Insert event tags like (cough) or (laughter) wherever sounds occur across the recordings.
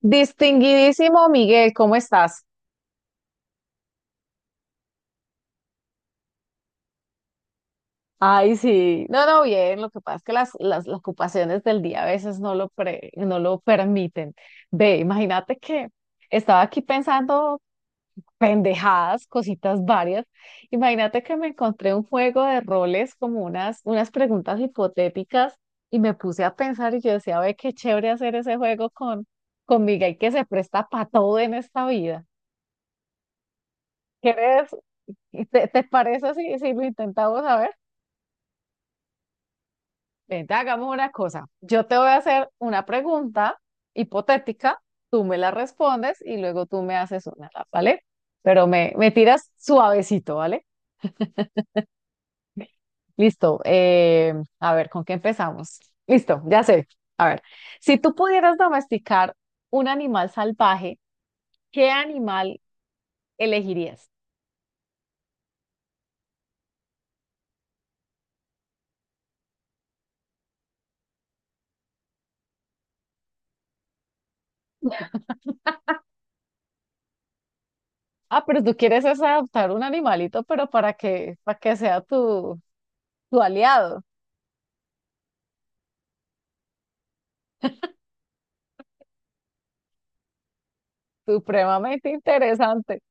Distinguidísimo Miguel, ¿cómo estás? Ay, sí. No, no, bien, lo que pasa es que las ocupaciones del día a veces no lo permiten. Ve, imagínate que estaba aquí pensando pendejadas, cositas varias. Imagínate que me encontré un juego de roles como unas preguntas hipotéticas y me puse a pensar y yo decía, ve, qué chévere hacer ese juego con Miguel que se presta para todo en esta vida. ¿Quieres? ¿Te parece si lo intentamos a ver? Vente, hagamos una cosa. Yo te voy a hacer una pregunta hipotética, tú me la respondes y luego tú me haces una, ¿vale? Pero me tiras suavecito, ¿vale? Listo. A ver, ¿con qué empezamos? Listo, ya sé. A ver, si tú pudieras domesticar un animal salvaje, ¿qué animal elegirías? Ah, pero tú quieres es adoptar un animalito, pero para que sea tu aliado. Supremamente interesante.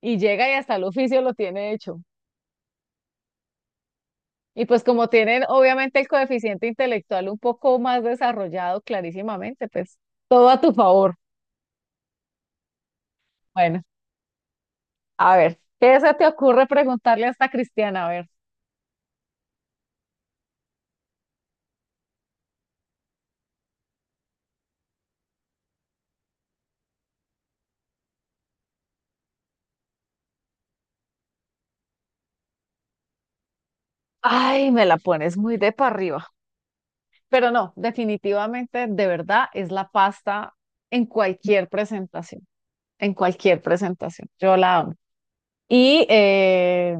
Y llega y hasta el oficio lo tiene hecho. Y pues como tienen obviamente el coeficiente intelectual un poco más desarrollado clarísimamente, pues todo a tu favor. Bueno, a ver, ¿qué se te ocurre preguntarle a esta Cristiana? A ver. Ay, me la pones muy de para arriba. Pero no, definitivamente, de verdad, es la pasta en cualquier presentación, en cualquier presentación. Yo la amo. Y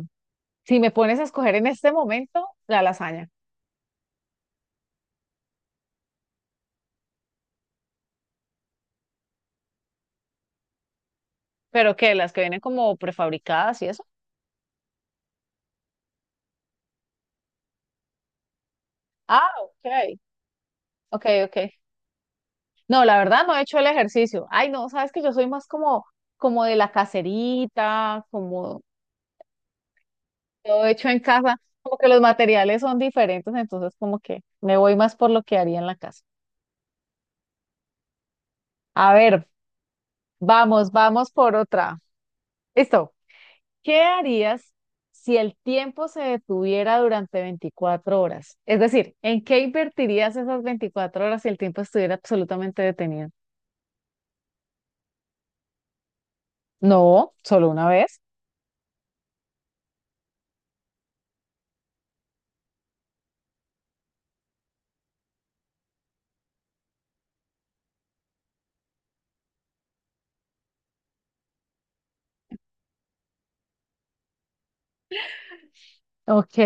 si me pones a escoger en este momento, la lasaña, pero que las que vienen como prefabricadas y eso. Ah, ok, ok, ok. No, la verdad no he hecho el ejercicio. Ay, no, sabes que yo soy más como, como de la caserita, como todo hecho en casa, como que los materiales son diferentes, entonces como que me voy más por lo que haría en la casa. A ver, vamos, vamos por otra. Listo. ¿Qué harías si el tiempo se detuviera durante 24 horas? Es decir, ¿en qué invertirías esas 24 horas si el tiempo estuviera absolutamente detenido? No, solo una vez. Ok.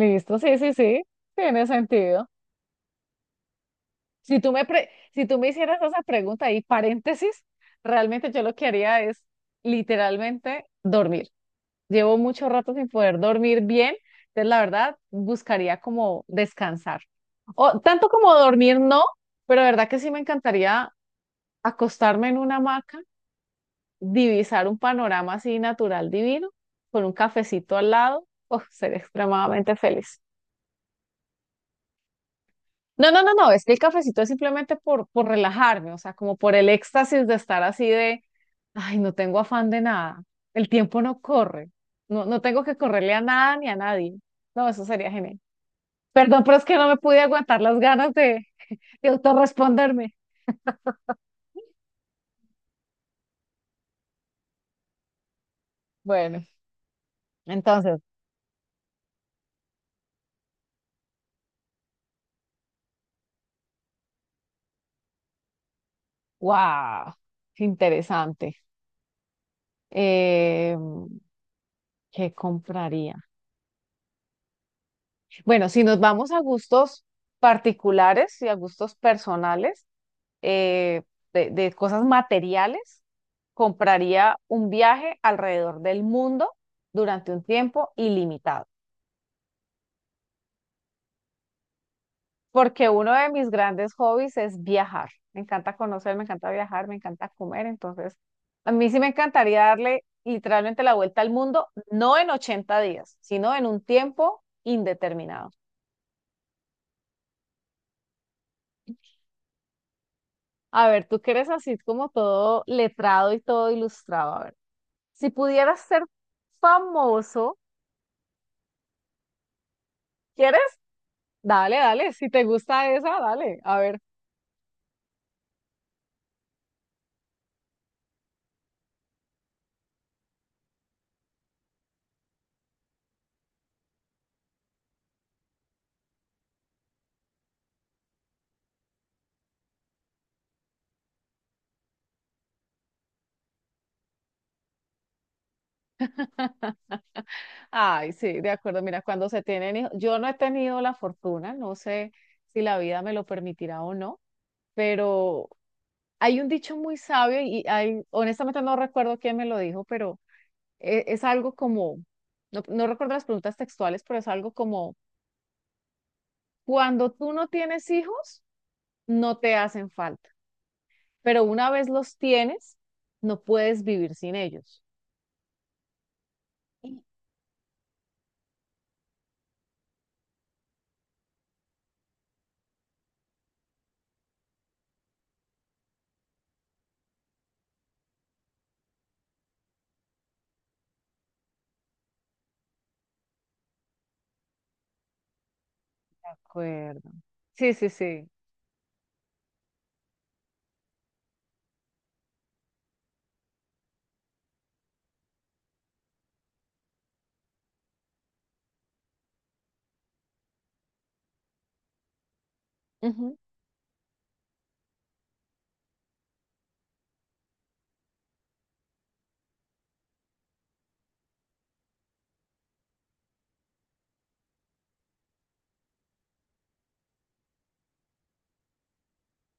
Listo, sí, sí, sí, tiene sentido. Si tú me hicieras esa pregunta y paréntesis, realmente yo lo que haría es literalmente dormir. Llevo mucho rato sin poder dormir bien, entonces la verdad buscaría como descansar. O tanto como dormir no, pero la verdad que sí me encantaría acostarme en una hamaca, divisar un panorama así natural divino, con un cafecito al lado, oh, sería extremadamente feliz. No, no, no, no, es que el cafecito es simplemente por relajarme, o sea, como por el éxtasis de estar así de, ay, no tengo afán de nada, el tiempo no corre, no, no tengo que correrle a nada ni a nadie. No, eso sería genial. Perdón, pero es que no me pude aguantar las ganas de autorresponderme. Bueno, entonces, wow, interesante. Eh, ¿Qué compraría? Bueno, si nos vamos a gustos particulares y a gustos personales. eh, de cosas materiales, compraría un viaje alrededor del mundo durante un tiempo ilimitado, porque uno de mis grandes hobbies es viajar. Me encanta conocer, me encanta viajar, me encanta comer, entonces a mí sí me encantaría darle literalmente la vuelta al mundo, no en 80 días, sino en un tiempo indeterminado. A ver, tú que eres así como todo letrado y todo ilustrado, a ver, si pudieras ser famoso, ¿quieres? Dale, dale, si te gusta esa, dale, a ver. (laughs) Ay, sí, de acuerdo. Mira, cuando se tienen hijos, yo no he tenido la fortuna, no sé si la vida me lo permitirá o no, pero hay un dicho muy sabio y hay, honestamente no recuerdo quién me lo dijo, pero es, algo como, no, no recuerdo las preguntas textuales, pero es algo como, cuando tú no tienes hijos, no te hacen falta, pero una vez los tienes, no puedes vivir sin ellos. De acuerdo. Sí, sí, sí. Ujú.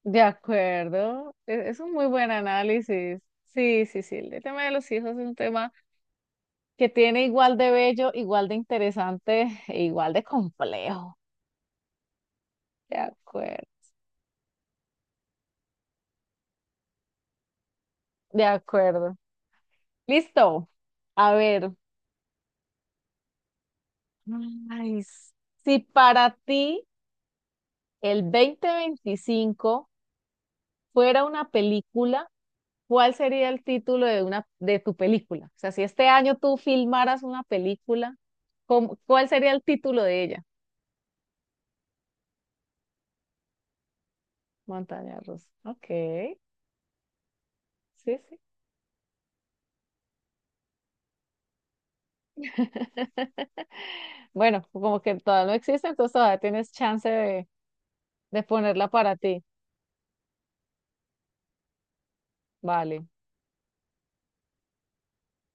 De acuerdo, es un muy buen análisis. Sí, sí, sí, el tema de los hijos es un tema que tiene igual de bello, igual de interesante (laughs) e igual de complejo. De acuerdo, de acuerdo. Listo. A ver, ay, si para ti el 2025 fuera una película, ¿cuál sería el título de una de tu película? O sea, si este año tú filmaras una película, ¿cómo- cuál sería el título de ella? Montaña rusa. Ok, sí, sí. (laughs) Bueno, como que todavía no existe, entonces todavía tienes chance de ponerla para ti. Vale,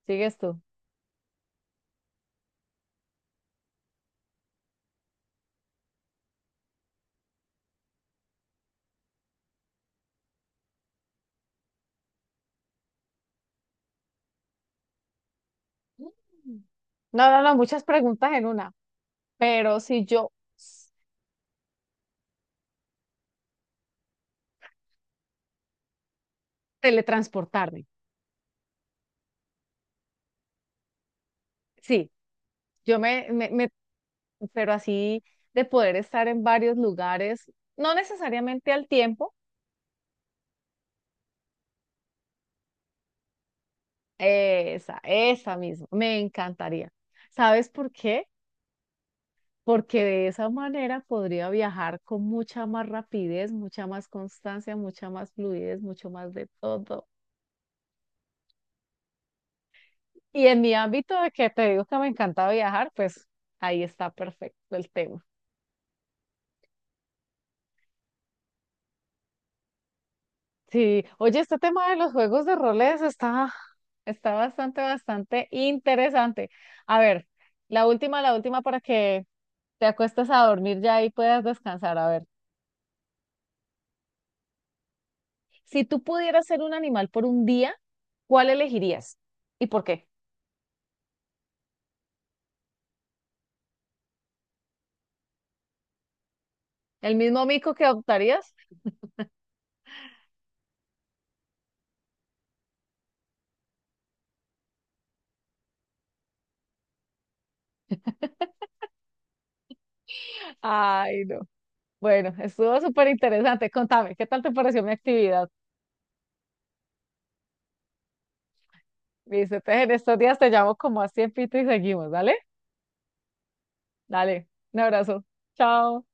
sigues tú. Mm. No, no, no, muchas preguntas en una, pero si yo s- teletransportarme, sí, yo me, me, me- pero así de poder estar en varios lugares, no necesariamente al tiempo, esa misma, me encantaría. ¿Sabes por qué? Porque de esa manera podría viajar con mucha más rapidez, mucha más constancia, mucha más fluidez, mucho más de todo. Y en mi ámbito de que te digo que me encanta viajar, pues ahí está perfecto el tema. Sí, oye, este tema de los juegos de roles está bastante, bastante interesante. A ver, la última para que te acuestes a dormir ya y puedas descansar. A ver, si tú pudieras ser un animal por un día, ¿cuál elegirías? ¿Y por qué? ¿El mismo mico que adoptarías? Ay, no. Bueno, estuvo súper interesante. Contame, ¿qué tal te pareció mi actividad? Listo, entonces en estos días te llamo como a tiempito y seguimos, ¿dale? Dale, un abrazo. Chao.